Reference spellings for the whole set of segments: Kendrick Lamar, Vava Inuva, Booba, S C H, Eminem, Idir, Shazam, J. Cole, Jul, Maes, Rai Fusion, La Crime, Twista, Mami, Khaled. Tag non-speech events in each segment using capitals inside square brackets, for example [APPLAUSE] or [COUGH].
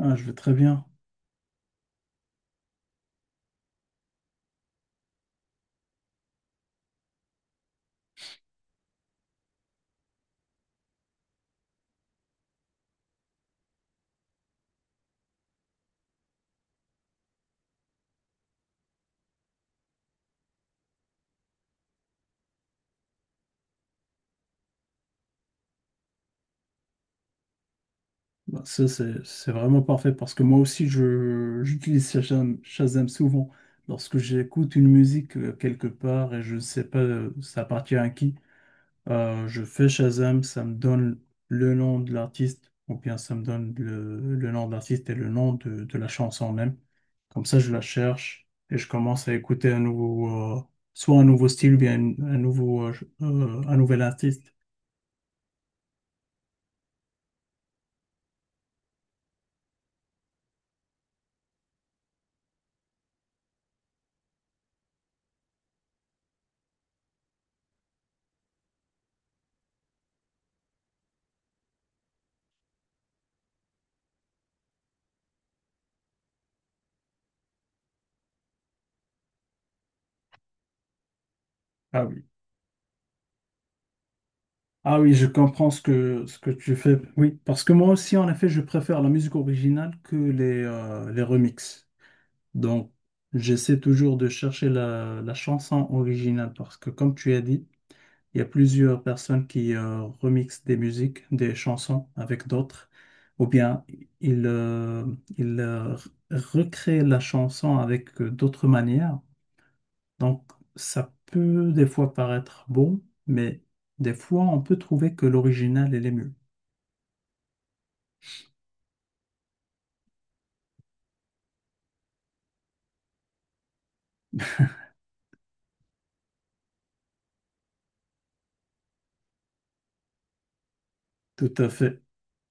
Ah, je vais très bien. Bah, ça, c'est vraiment parfait parce que moi aussi, j'utilise Shazam souvent lorsque j'écoute une musique quelque part et je ne sais pas ça appartient à qui. Je fais Shazam, ça me donne le nom de l'artiste ou bien ça me donne le nom de l'artiste et le nom de la chanson même. Comme ça, je la cherche et je commence à écouter un nouveau, soit un nouveau style ou bien un nouveau, un nouvel artiste. Ah oui. Ah oui, je comprends ce que tu fais. Oui, parce que moi aussi, en effet, je préfère la musique originale que les remixes. Donc, j'essaie toujours de chercher la chanson originale parce que, comme tu as dit, il y a plusieurs personnes qui remixent des musiques, des chansons avec d'autres, ou bien ils, ils recréent la chanson avec d'autres manières. Donc, ça peut des fois paraître bon, mais des fois, on peut trouver que l'original, elle est mieux. Tout à fait.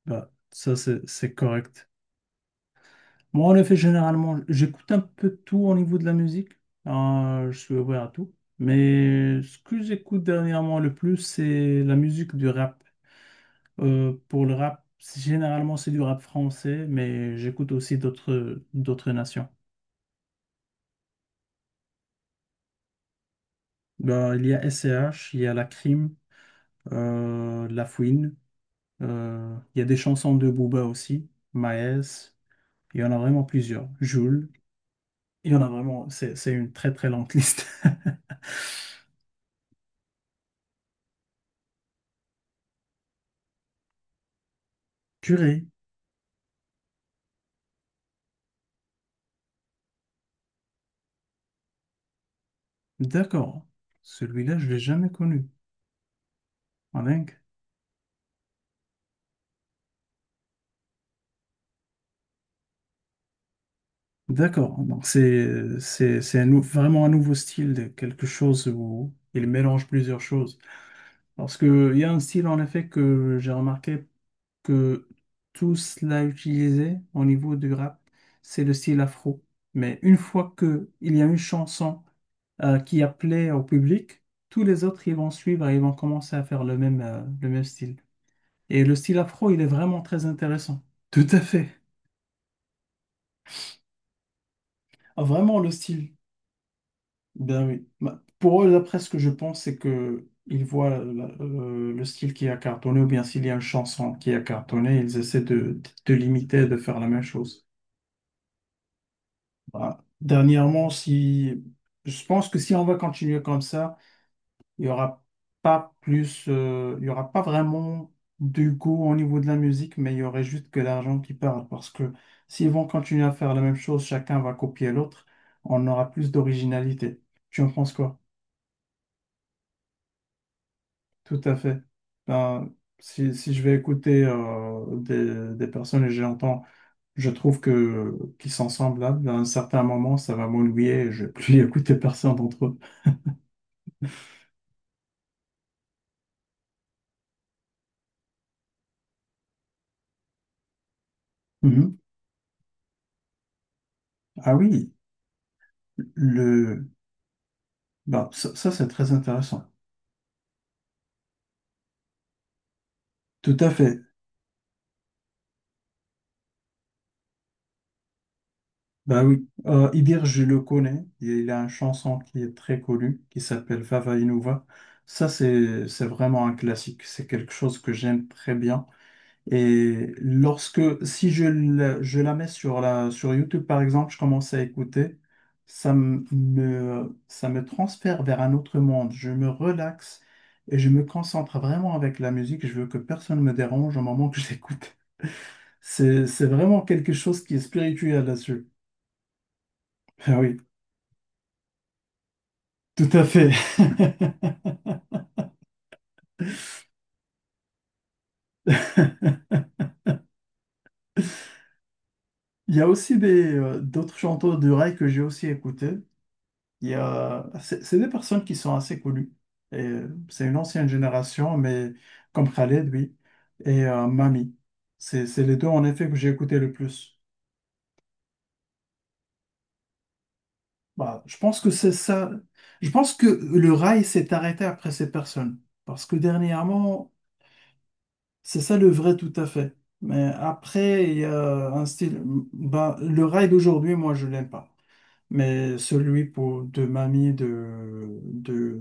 Bah, ça, c'est correct. Moi, en effet, généralement, j'écoute un peu tout au niveau de la musique. Je suis ouvert à tout. Mais ce que j'écoute dernièrement le plus, c'est la musique du rap. Pour le rap, généralement, c'est du rap français, mais j'écoute aussi d'autres nations. Bah, il y a S C H, il y a La Crime, La il y a des chansons de Booba aussi, Maes, il y en a vraiment plusieurs. Jul, il y en a vraiment, c'est une très très longue liste. [LAUGHS] Purée, d'accord. Celui-là, je l'ai jamais connu. Ah, dingue. D'accord. Donc, c'est vraiment un nouveau style, de quelque chose où il mélange plusieurs choses. Parce que il y a un style, en effet, que j'ai remarqué que tous l'a utilisé au niveau du rap, c'est le style afro. Mais une fois que il y a une chanson qui a plaît au public, tous les autres ils vont suivre et ils vont commencer à faire le même style. Et le style afro, il est vraiment très intéressant. Tout à fait. Ah, vraiment le style. Ben oui. Bah, pour eux, d'après ce que je pense, c'est que ils voient le style qui a cartonné ou bien s'il y a une chanson qui a cartonné, ils essaient de l'imiter, de faire la même chose. Voilà. Dernièrement, si je pense que si on va continuer comme ça, il y aura pas plus, il y aura pas vraiment de goût au niveau de la musique, mais il y aurait juste que l'argent qui parle. Parce que s'ils vont continuer à faire la même chose, chacun va copier l'autre, on aura plus d'originalité. Tu en penses quoi? Tout à fait. Ben, si je vais écouter des personnes et j'entends, je trouve que qu'ils sont semblables, à un certain moment, ça va m'ennuyer et je vais plus [LAUGHS] écouter personne d'entre eux. Mhm. Ah oui, le... bah, ça, c'est très intéressant. Tout à fait. Bah oui, Idir, je le connais. Il a une chanson qui est très connue, qui s'appelle Vava Inuva. Ça, c'est vraiment un classique. C'est quelque chose que j'aime très bien. Et lorsque, si je, la- je la mets sur sur YouTube, par exemple, je commence à écouter, ça me transfère vers un autre monde. Je me relaxe et je me concentre vraiment avec la musique. Je veux que personne me dérange au moment que [LAUGHS] j'écoute. C'est vraiment quelque chose qui est spirituel là-dessus. Ah oui, tout à fait. [LAUGHS] Il y a aussi d'autres chanteurs de rail que j'ai aussi écoutés. Il y a, c'est des personnes qui sont assez connues. Et c'est une ancienne génération, mais comme Khaled, oui, et Mami. C'est les deux, en effet, que j'ai écouté le plus. Bah, je pense que c'est ça. Je pense que le rail s'est arrêté après ces personnes. Parce que dernièrement, c'est ça le vrai tout à fait. Mais après, il y a un style. Bah, le rail d'aujourd'hui, moi, je l'aime pas. Mais celui pour de Mamie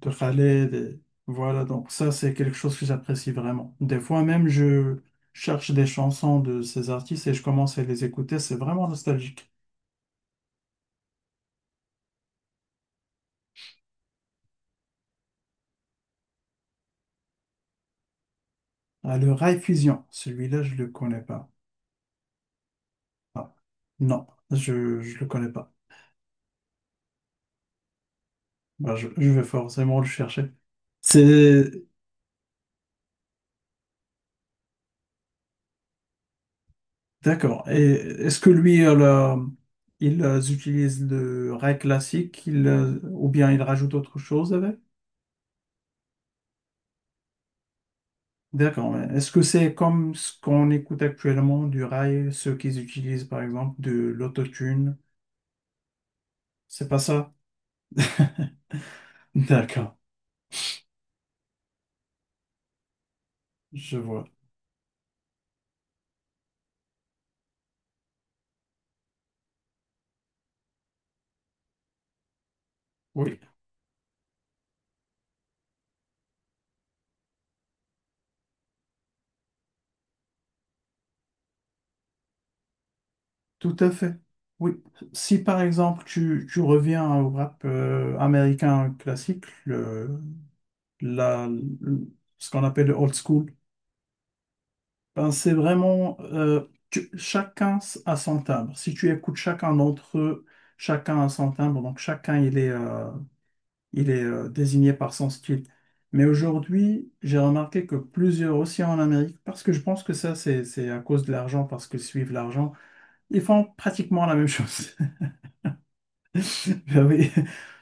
de Khaled, et voilà, donc ça c'est quelque chose que j'apprécie vraiment. Des fois même je cherche des chansons de ces artistes et je commence à les écouter, c'est vraiment nostalgique. Ah, le Rai Fusion, celui-là je le connais pas. Ah, non, je le connais pas. Bah, je vais forcément le chercher. C'est D'accord. Et est-ce que lui, il utilise le rail classique ou bien il rajoute autre chose avec? D'accord. Mais est-ce que c'est comme ce qu'on écoute actuellement du rail, ceux qu'ils utilisent par exemple de l'autotune? C'est pas ça? [LAUGHS] D'accord. Je vois. Oui, tout à fait. Oui. Si par exemple tu reviens au rap américain classique, la, le- ce qu'on appelle le old school, ben, c'est vraiment chacun a son timbre. Si tu écoutes chacun d'entre eux, chacun a son timbre. Donc chacun il est désigné par son style. Mais aujourd'hui, j'ai remarqué que plusieurs aussi en Amérique, parce que je pense que ça c'est à cause de l'argent, parce qu'ils suivent l'argent, ils font pratiquement la même chose. [LAUGHS] Ben oui.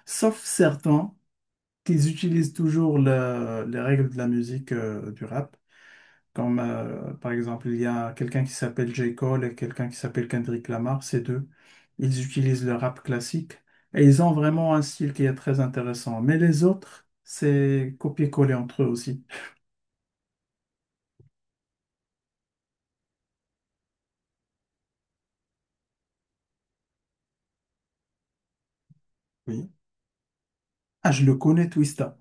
Sauf certains qui utilisent toujours les règles de la musique du rap. Comme par exemple, il y a quelqu'un qui s'appelle J. Cole et quelqu'un qui s'appelle Kendrick Lamar, ces deux, ils utilisent le rap classique et ils ont vraiment un style qui est très intéressant. Mais les autres, c'est copier-coller entre eux aussi. Oui. Ah, je le connais, Twista.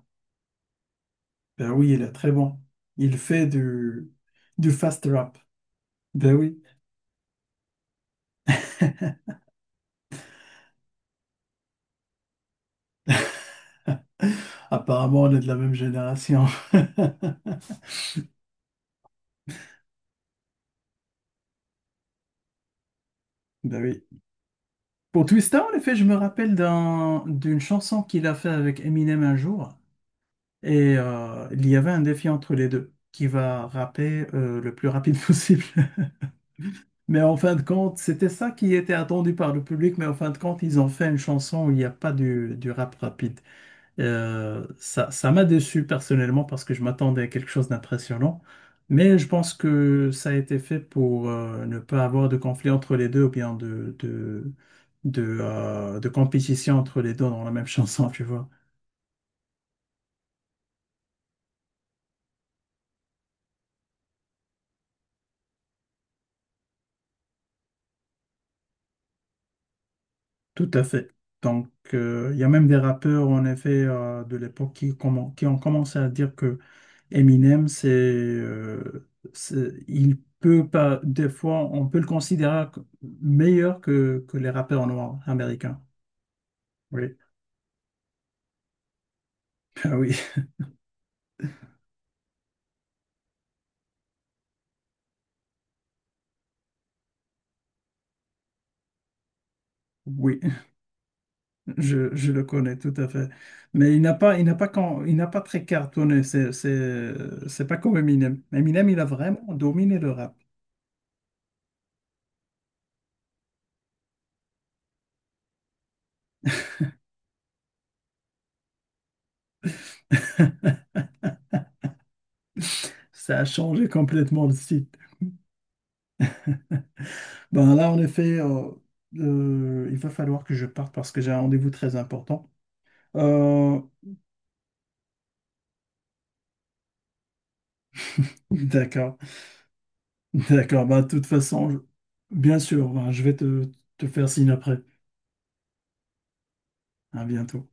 Ben oui, il est très bon. Il fait du fast rap. Ben oui. [LAUGHS] Apparemment, on est de la même génération. [LAUGHS] Ben oui. Pour Twista, en effet, je me rappelle d'une chanson qu'il a fait avec Eminem un jour. Et il y avait un défi entre les deux qui va rapper le plus rapide [LAUGHS] possible. Mais en fin de compte, c'était ça qui était attendu par le public, mais en fin de compte, ils ont fait une chanson où il n'y a pas du rap rapide. Ça, ça m'a déçu personnellement parce que je m'attendais à quelque chose d'impressionnant. Mais je pense que ça a été fait pour ne pas avoir de conflit entre les deux ou bien de compétition entre les deux dans la même [LAUGHS] chanson, tu vois. Tout à fait. Donc, il y a même des rappeurs, en effet, de l'époque qui ont commencé à dire que Eminem, il peut pas, des fois, on peut le considérer meilleur que les rappeurs noirs américains. Oui, [LAUGHS] ah oui, oui. Je le connais tout à fait. Mais il n'a pas très cartonné. C'est pas comme Eminem. Eminem, il a vraiment dominé le rap. [LAUGHS] Ça a changé complètement le site. Ben là, en effet, il va falloir que je parte parce que j'ai un rendez-vous très important. Euh, d'accord, [LAUGHS] d'accord. Ben, de toute façon, bien sûr, ben, je vais te faire signe après. À bientôt.